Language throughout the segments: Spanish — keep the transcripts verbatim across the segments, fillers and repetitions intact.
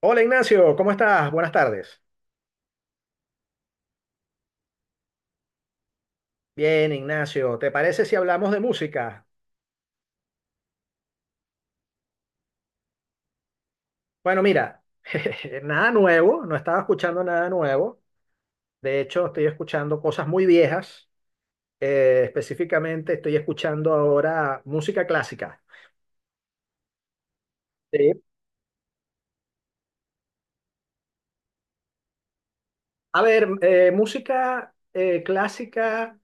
Hola Ignacio, ¿cómo estás? Buenas tardes. Bien, Ignacio, ¿te parece si hablamos de música? Bueno, mira, nada nuevo, no estaba escuchando nada nuevo. De hecho, estoy escuchando cosas muy viejas. Eh, específicamente, estoy escuchando ahora música clásica. Sí. A ver, eh, música eh, clásica.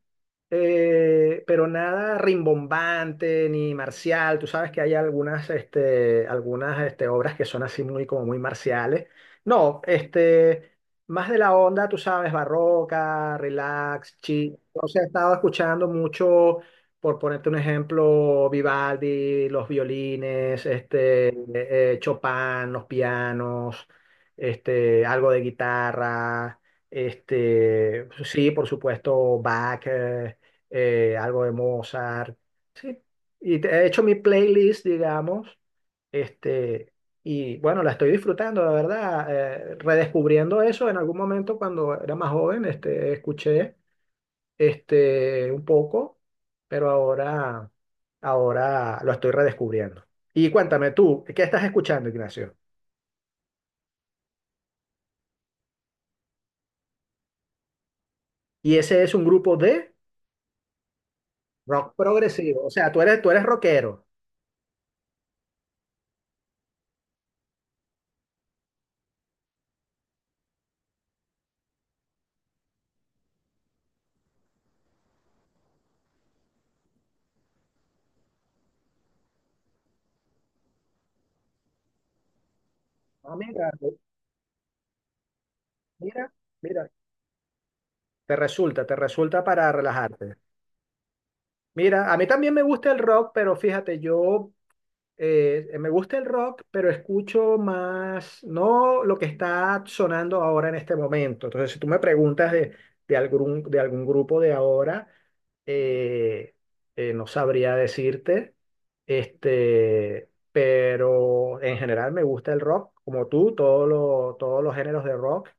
Eh, pero nada rimbombante ni marcial. Tú sabes que hay algunas, este, algunas este, obras que son así muy, como muy marciales. No, este, más de la onda, tú sabes, barroca, relax, chill. Entonces he estado escuchando mucho, por ponerte un ejemplo, Vivaldi, los violines, este, eh, eh, Chopin, los pianos, este, algo de guitarra. Este, sí, por supuesto, Bach, eh, eh, algo de Mozart, sí. Y te- he hecho mi playlist, digamos, este, y bueno, la estoy disfrutando, la verdad, eh, redescubriendo eso en algún momento cuando era más joven, este, escuché este, un poco, pero ahora, ahora lo estoy redescubriendo. Y cuéntame tú, ¿qué estás escuchando, Ignacio? Y ese es un grupo de rock progresivo, o sea, tú eres, tú eres rockero. Ah, mira, mira, mira. Te resulta, te resulta para relajarte. Mira, a mí también me gusta el rock, pero fíjate, yo eh, me gusta el rock, pero escucho más, no lo que está sonando ahora en este momento. Entonces, si tú me preguntas de, de algún, de algún grupo de ahora, eh, eh, no sabría decirte, este, pero en general me gusta el rock, como tú, todo lo- todos los géneros de rock.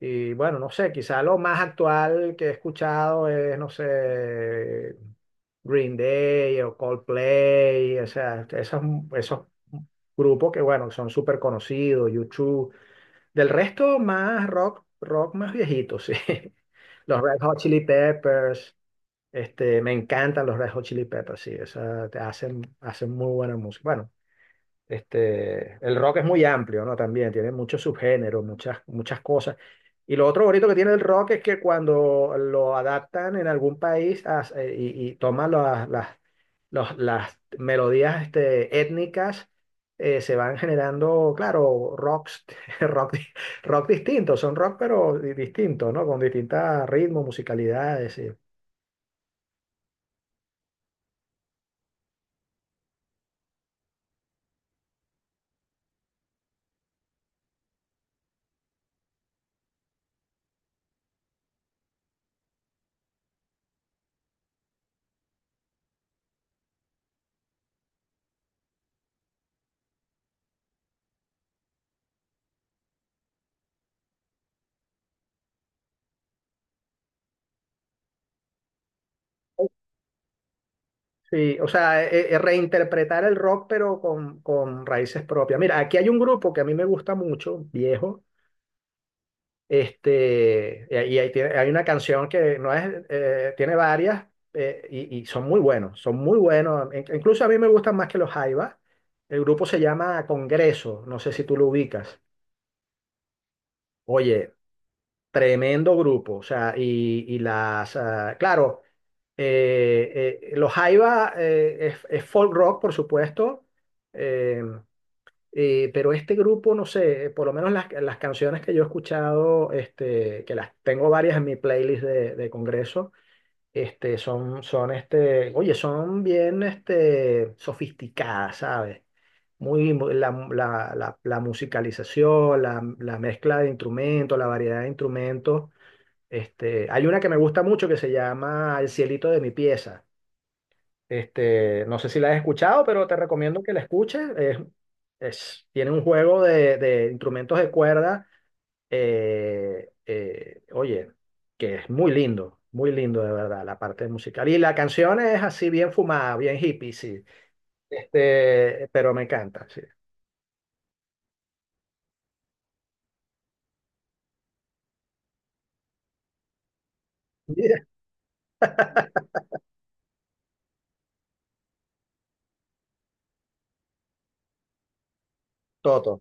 Y bueno, no sé, quizá lo más actual que he escuchado es, no sé, Green Day o Coldplay, o sea, esos, esos grupos que, bueno, son súper conocidos, YouTube. Del resto, más rock, rock más viejito, sí. Los Red Hot Chili Peppers, este, me encantan los Red Hot Chili Peppers, sí, o sea, te hacen, hacen muy buena música. Bueno, este, el rock es muy amplio, ¿no? También tiene muchos subgéneros, muchas, muchas cosas. Y lo otro bonito que tiene el rock es que cuando lo adaptan en algún país as- eh, y, y toman las, las, los- las melodías este, étnicas, eh, se van generando, claro, rocks, rock, di- rock distintos, son rock pero di- distintos, ¿no? Con distintos ritmos, musicalidades. Sí. Sí, o sea, e- e- reinterpretar el rock pero con, con raíces propias. Mira, aquí hay un grupo que a mí me gusta mucho, viejo, este, y y ahí tiene- hay una canción que no es, eh, tiene varias eh, y, y son muy buenos, son muy buenos. In- Incluso a mí me gustan más que los Jaivas. El grupo se llama Congreso, no sé si tú lo ubicas. Oye, tremendo grupo, o sea, y, y las, ah, claro, eh, eh, los Jaiba eh, es, es folk rock, por supuesto, eh, eh, pero este grupo, no sé, eh, por lo menos las, las canciones que yo he escuchado, este, que las tengo varias en mi playlist de, de Congreso, este, son, son, este, oye, son bien, este, sofisticadas, ¿sabes? Muy, mu- la, la, la, la musicalización, la, la mezcla de instrumentos, la variedad de instrumentos este, hay una que me gusta mucho que se llama El cielito de mi pieza. Este, no sé si la has escuchado, pero te recomiendo que la escuches. Es, es- tiene un juego de, de instrumentos de cuerda. eh, eh, oye, que es muy lindo, muy lindo de verdad, la parte musical. Y la canción es así bien fumada, bien hippie, sí. Este, pero me encanta, sí. Mira, Toto.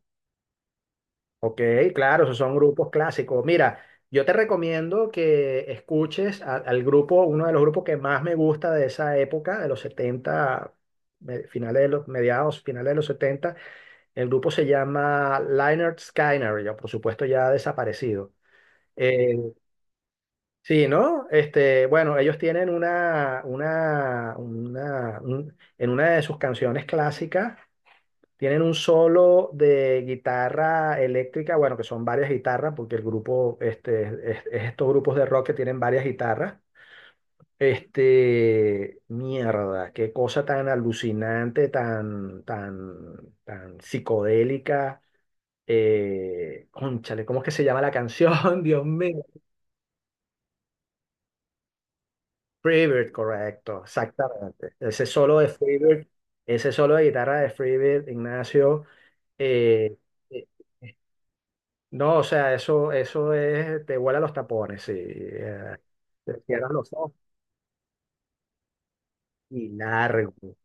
Ok, claro, esos son grupos clásicos. Mira, yo te recomiendo que escuches a- al grupo, uno de los grupos que más me gusta de esa época, de los setenta, me- finales de los, mediados, finales de los setenta. El grupo se llama Lynyrd Skynyrd, ya por supuesto ya desaparecido. Eh, sí, ¿no? Este, bueno, ellos tienen una, una, una, un- en una de sus canciones clásicas. Tienen un solo de guitarra eléctrica, bueno, que son varias guitarras, porque el grupo, este, es- es estos grupos de rock que tienen varias guitarras. Este, mierda, qué cosa tan alucinante, tan, tan, tan psicodélica. Eh, cónchale, ¿cómo es que se llama la canción? Dios mío. Freebird, correcto, exactamente. Ese solo de Freebird, ese solo de guitarra de Freebird, Ignacio. Eh, eh, No, o sea, eso, eso es, te vuela los tapones, sí. eh, te cierras los ojos y largo,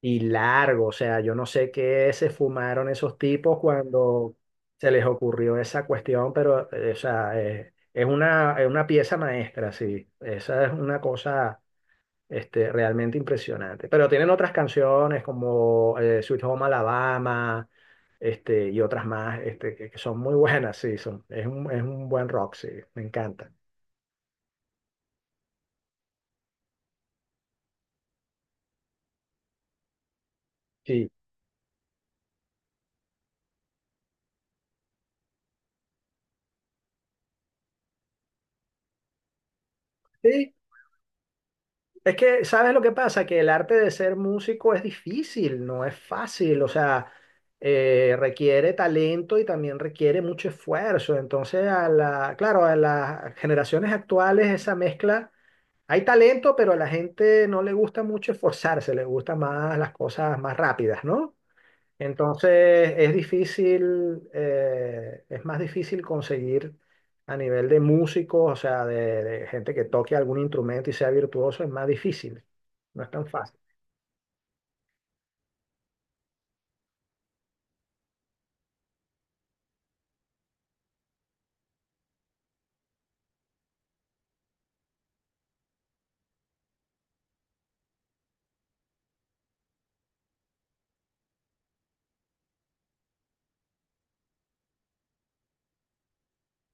y largo. O sea, yo no sé qué se fumaron esos tipos cuando se les ocurrió esa cuestión, pero, eh, o sea, eh, es una, es una pieza maestra, sí. Esa es una cosa, este, realmente impresionante. Pero tienen otras canciones como eh, Sweet Home Alabama, este, y otras más, este, que que son muy buenas, sí. Son, es un, es un buen rock, sí. Me encanta. Sí. Sí, es que, ¿sabes lo que pasa? Que el arte de ser músico es difícil, no es fácil, o sea, eh, requiere talento y también requiere mucho esfuerzo. Entonces, a la, claro, a las generaciones actuales esa mezcla, hay talento, pero a la gente no le gusta mucho esforzarse, le gusta más las cosas más rápidas, ¿no? Entonces es difícil, eh, es más difícil conseguir a nivel de músicos, o sea, de, de gente que toque algún instrumento y sea virtuoso, es más difícil, no es tan fácil.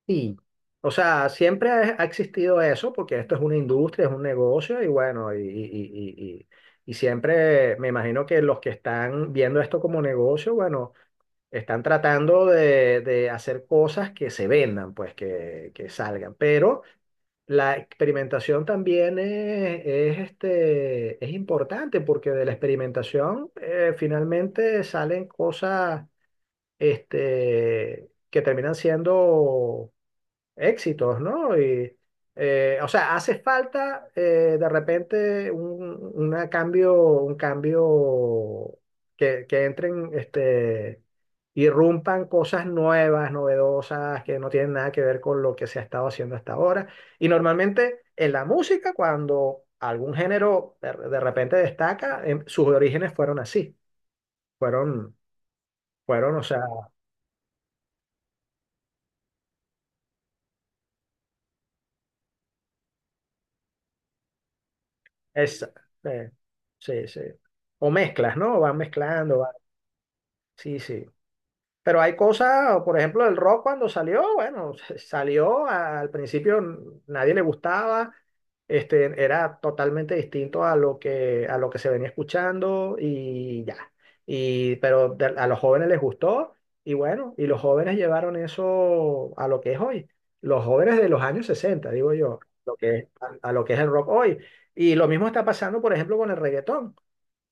Sí. O sea, siempre ha ha existido eso, porque esto es una industria, es un negocio y bueno, y, y- y- y- y- y siempre me imagino que los que están viendo esto como negocio, bueno, están tratando de, de hacer cosas que se vendan, pues que, que salgan. Pero la experimentación también es, es, este, es importante porque de la experimentación eh, finalmente salen cosas este, que terminan siendo éxitos, ¿no? Y, eh, o sea, hace falta eh, de repente un, una cambio, un cambio que, que entren, este, irrumpan cosas nuevas, novedosas, que no tienen nada que ver con lo que se ha estado haciendo hasta ahora. Y normalmente en la música, cuando algún género de, de repente destaca, em, sus orígenes fueron así, fueron, fueron, o sea, es, eh, sí, sí. O mezclas, ¿no? Van mezclando. Sí, sí. Pero hay cosas, por ejemplo, el rock cuando salió, bueno, salió al principio, n- nadie le gustaba, este, era totalmente distinto a lo que, a lo que se venía escuchando y ya. Y, pero de- a los jóvenes les gustó y bueno, y los jóvenes llevaron eso a lo que es hoy. Los jóvenes de los años sesenta, digo yo, lo que es- a, a lo que es el rock hoy. Y lo mismo está pasando, por ejemplo, con el reggaetón,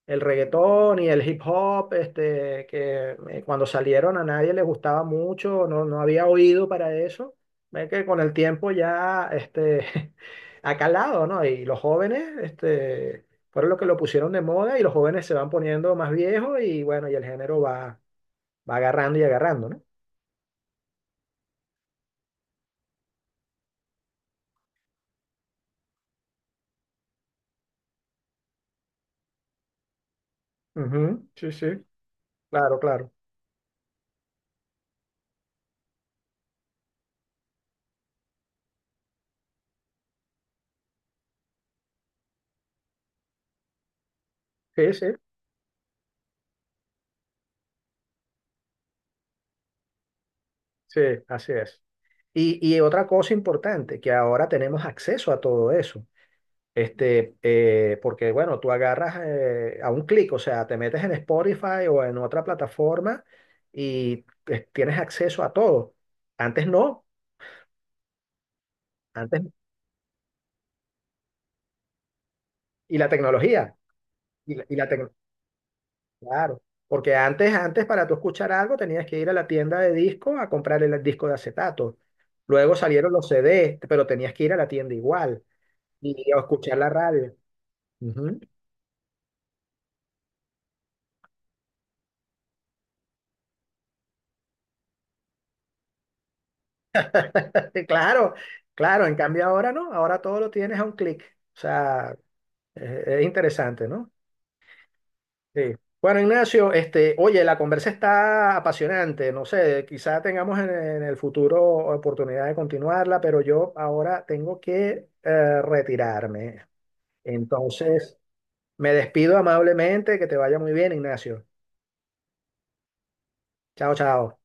el reggaetón y el hip hop, este, que eh, cuando salieron a nadie le gustaba mucho, no, no había oído para eso. Ve que con el tiempo ya este, ha calado, ¿no? Y los jóvenes este, fueron los que lo pusieron de moda y los jóvenes se van poniendo más viejos y bueno, y el género va, va agarrando y agarrando, ¿no? Ujú. Sí, sí, claro, claro. Sí, sí, sí, así es. Y, y otra cosa importante, que ahora tenemos acceso a todo eso. Este, eh, porque bueno, tú agarras eh, a un clic, o sea, te metes en Spotify o en otra plataforma y eh, tienes acceso a todo. Antes no, antes, y la tecnología, y la, y la tec- claro, porque antes, antes para tú escuchar algo tenías que ir a la tienda de disco a comprar el disco de acetato. Luego salieron los C D, pero tenías que ir a la tienda igual y a escuchar la radio. Ujú. Claro, claro, en cambio ahora no, ahora todo lo tienes a un clic. O sea, Eh, es interesante, ¿no? Sí. Bueno, Ignacio, este, oye, la conversa está apasionante, no sé, quizá tengamos en, en el futuro oportunidad de continuarla, pero yo ahora tengo que eh, retirarme. Entonces, me despido amablemente, que te vaya muy bien, Ignacio. Chao, chao.